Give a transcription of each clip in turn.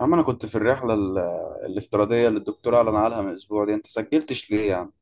عم، انا كنت في الرحله الافتراضيه اللي الدكتور اعلن عنها من اسبوع دي. انت سجلتش ليه يا عم؟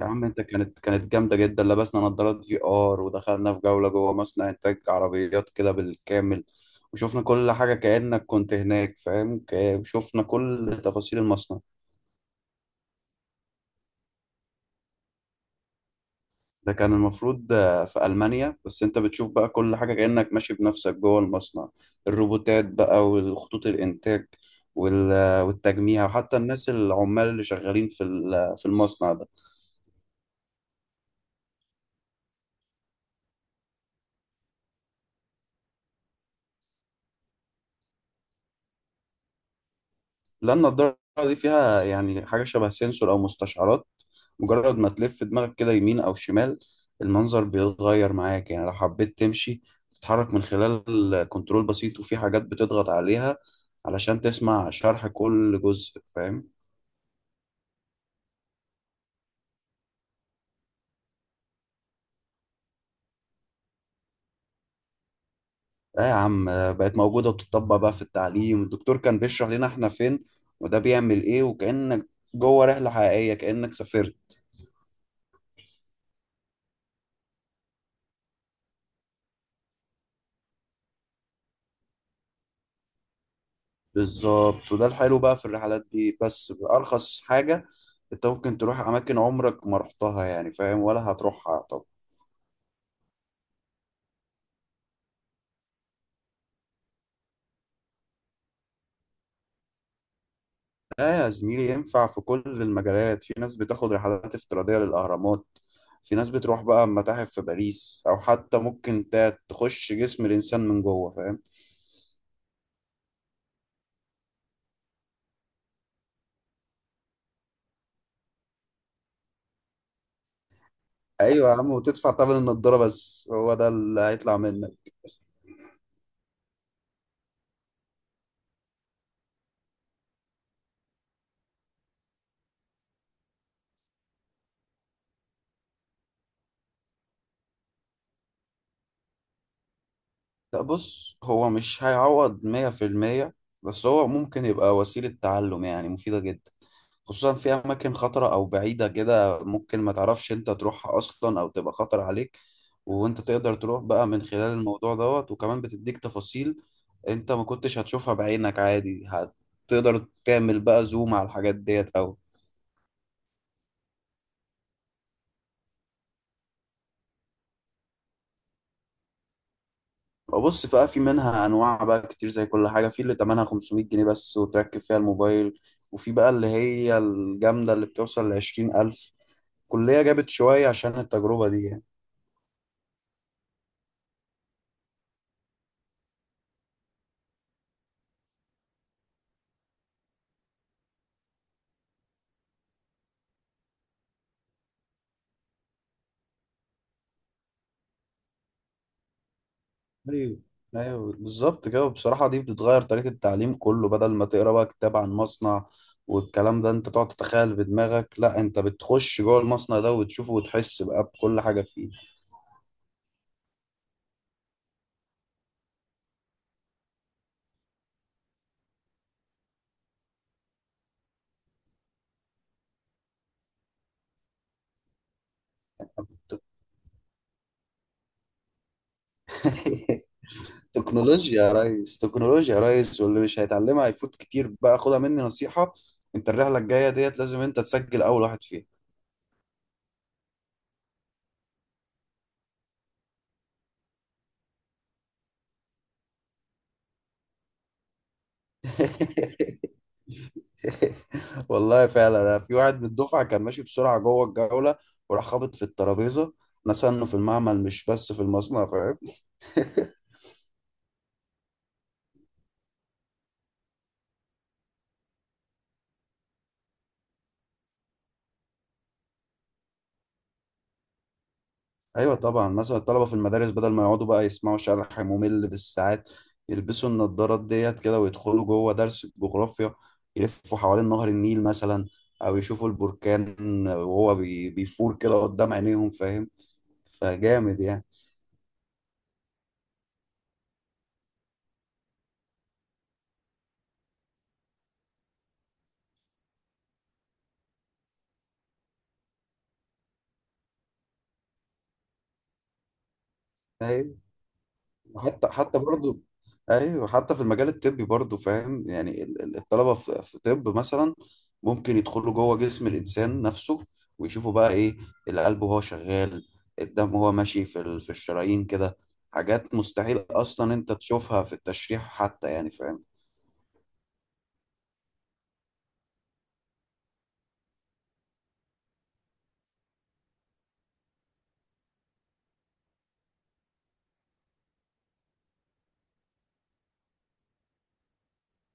يا عم انت كانت جامده جدا. لبسنا نظارات في ار ودخلنا في جوله جوه مصنع انتاج عربيات كده بالكامل. وشفنا كل حاجه كانك كنت هناك، فاهم؟ وشفنا كل تفاصيل المصنع. ده كان المفروض في المانيا، بس انت بتشوف بقى كل حاجه كانك ماشي بنفسك جوه المصنع. الروبوتات بقى والخطوط الانتاج والتجميع، وحتى الناس العمال اللي شغالين في المصنع. لأن النضارة دي فيها يعني حاجة شبه سنسور أو مستشعرات. مجرد ما تلف دماغك كده يمين أو شمال، المنظر بيتغير معاك. يعني لو حبيت تمشي، تتحرك من خلال كنترول بسيط، وفي حاجات بتضغط عليها علشان تسمع شرح كل جزء. فاهم؟ آه يا عم، بقت موجودة وبتطبق بقى في التعليم. الدكتور كان بيشرح لنا إحنا فين، وده بيعمل إيه، وكأنك جوه رحلة حقيقية، كأنك سافرت. بالظبط، وده الحلو بقى في الرحلات دي، بس بأرخص حاجة انت ممكن تروح اماكن عمرك ما رحتها، يعني فاهم؟ ولا هتروحها طب. لا يا زميلي، ينفع في كل المجالات. في ناس بتاخد رحلات افتراضية للأهرامات، في ناس بتروح بقى متاحف في باريس، او حتى ممكن تخش جسم الانسان من جوه، فاهم؟ ايوه يا عم، وتدفع ثمن النضارة بس، هو ده اللي هيطلع منك. لا بص، هو مش هيعوض 100%، بس هو ممكن يبقى وسيلة تعلم يعني مفيدة جدا، خصوصا في اماكن خطرة او بعيدة كده، ممكن ما تعرفش انت تروحها اصلا او تبقى خطر عليك، وانت تقدر تروح بقى من خلال الموضوع دوت. وكمان بتديك تفاصيل انت ما كنتش هتشوفها بعينك عادي، هتقدر تعمل بقى زوم على الحاجات ديت. او بص بقى، في منها انواع بقى كتير زي كل حاجة. في اللي تمنها 500 جنيه بس وتركب فيها الموبايل، وفي بقى اللي هي الجامدة اللي بتوصل لـ20 ألف. كلية جابت شوية عشان التجربة دي يعني. ايوه، ايوه بالظبط كده. وبصراحه دي بتتغير طريقه التعليم كله. بدل ما تقرا بقى كتاب عن مصنع والكلام ده انت تقعد تتخيل بدماغك، لا انت بتخش جوه المصنع ده وتشوفه وتحس بقى بكل حاجه فيه. تكنولوجيا يا ريس، تكنولوجيا يا ريس، واللي مش هيتعلمها هيفوت كتير بقى. خدها مني نصيحه، انت الرحله الجايه ديت لازم انت تسجل اول واحد فيها. والله فعلا، أنا في واحد من الدفعه كان ماشي بسرعه جوه الجوله، وراح خابط في الترابيزه. نسى في المعمل مش بس في المصنع، فاهم؟ ايوه طبعا، مثلا الطلبه في المدارس بدل ما يقعدوا بقى يسمعوا شرح ممل بالساعات، يلبسوا النضارات ديت كده ويدخلوا جوه درس الجغرافيا. يلفوا حوالين نهر النيل مثلا، او يشوفوا البركان وهو بيفور كده قدام عينيهم، فاهم؟ فجامد يعني. حتى برضو، ايوه حتى في المجال الطبي برضو، فاهم؟ يعني الطلبه في طب مثلا ممكن يدخلوا جوه جسم الانسان نفسه، ويشوفوا بقى ايه، القلب وهو شغال، الدم وهو ماشي في الشرايين كده. حاجات مستحيل اصلا انت تشوفها في التشريح حتى، يعني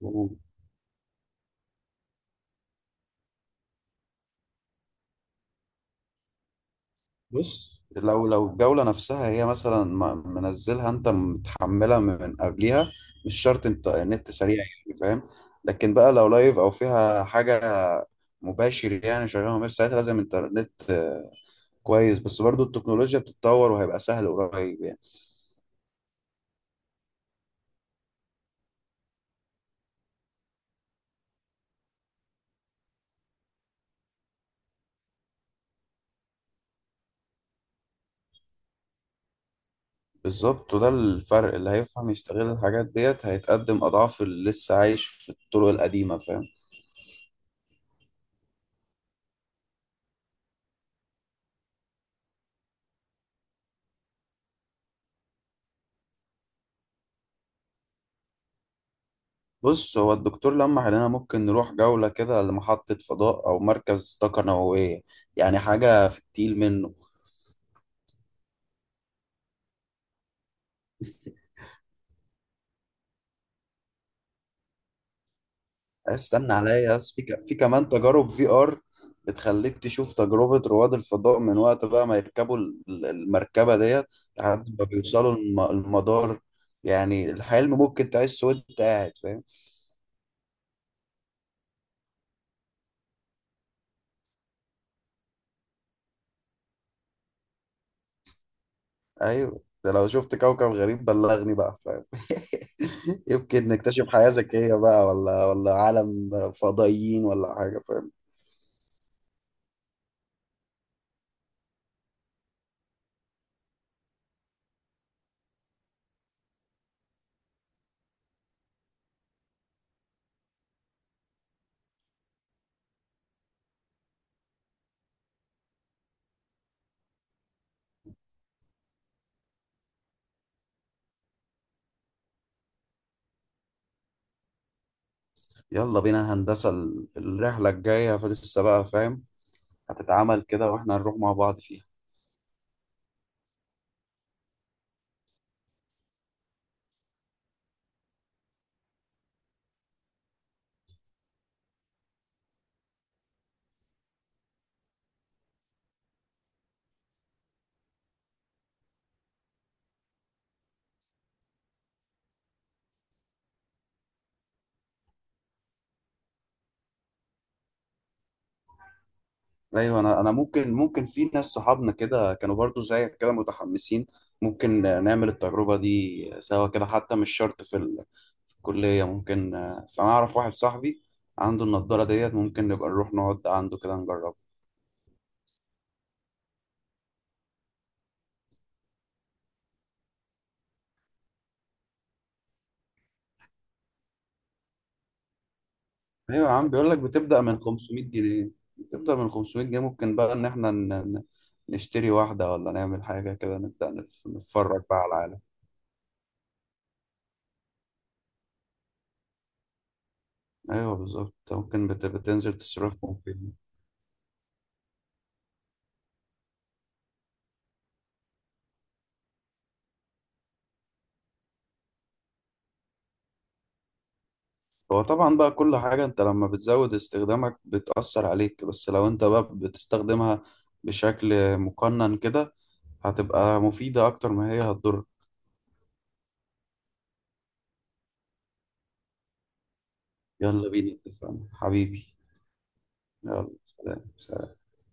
فاهم. بص، لو الجولة نفسها هي مثلا منزلها انت متحملها من قبلها، مش شرط انت النت سريع، يعني فاهم. لكن بقى لو لايف او فيها حاجة مباشر، يعني شغالة مباشر، ساعتها لازم انترنت كويس. بس برضو التكنولوجيا بتتطور وهيبقى سهل قريب يعني. بالظبط، وده الفرق. اللي هيفهم يستغل الحاجات ديت هيتقدم اضعاف اللي لسه عايش في الطرق القديمة، فاهم. بص، هو الدكتور لمح علينا ممكن نروح جولة كده لمحطة فضاء أو مركز طاقة نووية، يعني حاجة في التقيل منه. استنى عليا بس، في كمان تجارب في آر بتخليك تشوف تجربة رواد الفضاء من وقت بقى ما يركبوا المركبة ديت لحد ما بيوصلوا المدار. يعني الحلم ممكن تعيش وأنت قاعد، فاهم. ايوه، ده لو شفت كوكب غريب بلغني بقى، فاهم. يمكن نكتشف حياة ذكية بقى، ولا عالم فضائيين ولا حاجة، فاهم. يلا بينا، هندسة الرحلة الجاية فلسه بقى، فاهم. هتتعمل كده واحنا هنروح مع بعض فيها. ايوه، انا ممكن في ناس صحابنا كده كانوا برضو زيك كده متحمسين. ممكن نعمل التجربة دي سوا كده حتى، مش شرط في الكلية. ممكن، فانا اعرف واحد صاحبي عنده النضارة ديت، ممكن نبقى نروح نقعد عنده كده نجربها. ايوه يا عم، بيقول لك بتبدأ من 500 جنيه. بتبدأ من 500 جنيه، ممكن بقى ان احنا ن- نشتري واحدة، ولا نعمل حاجة كده، نبدأ نتفرج بقى على العالم. ايوه بالظبط، أنت ممكن بتنزل تصرفهم فين. هو طبعا بقى كل حاجة انت لما بتزود استخدامك بتأثر عليك، بس لو انت بقى بتستخدمها بشكل مقنن كده هتبقى مفيدة اكتر ما هي هتضر. يلا بينا، اتفقنا حبيبي. يلا، سلام، سلام.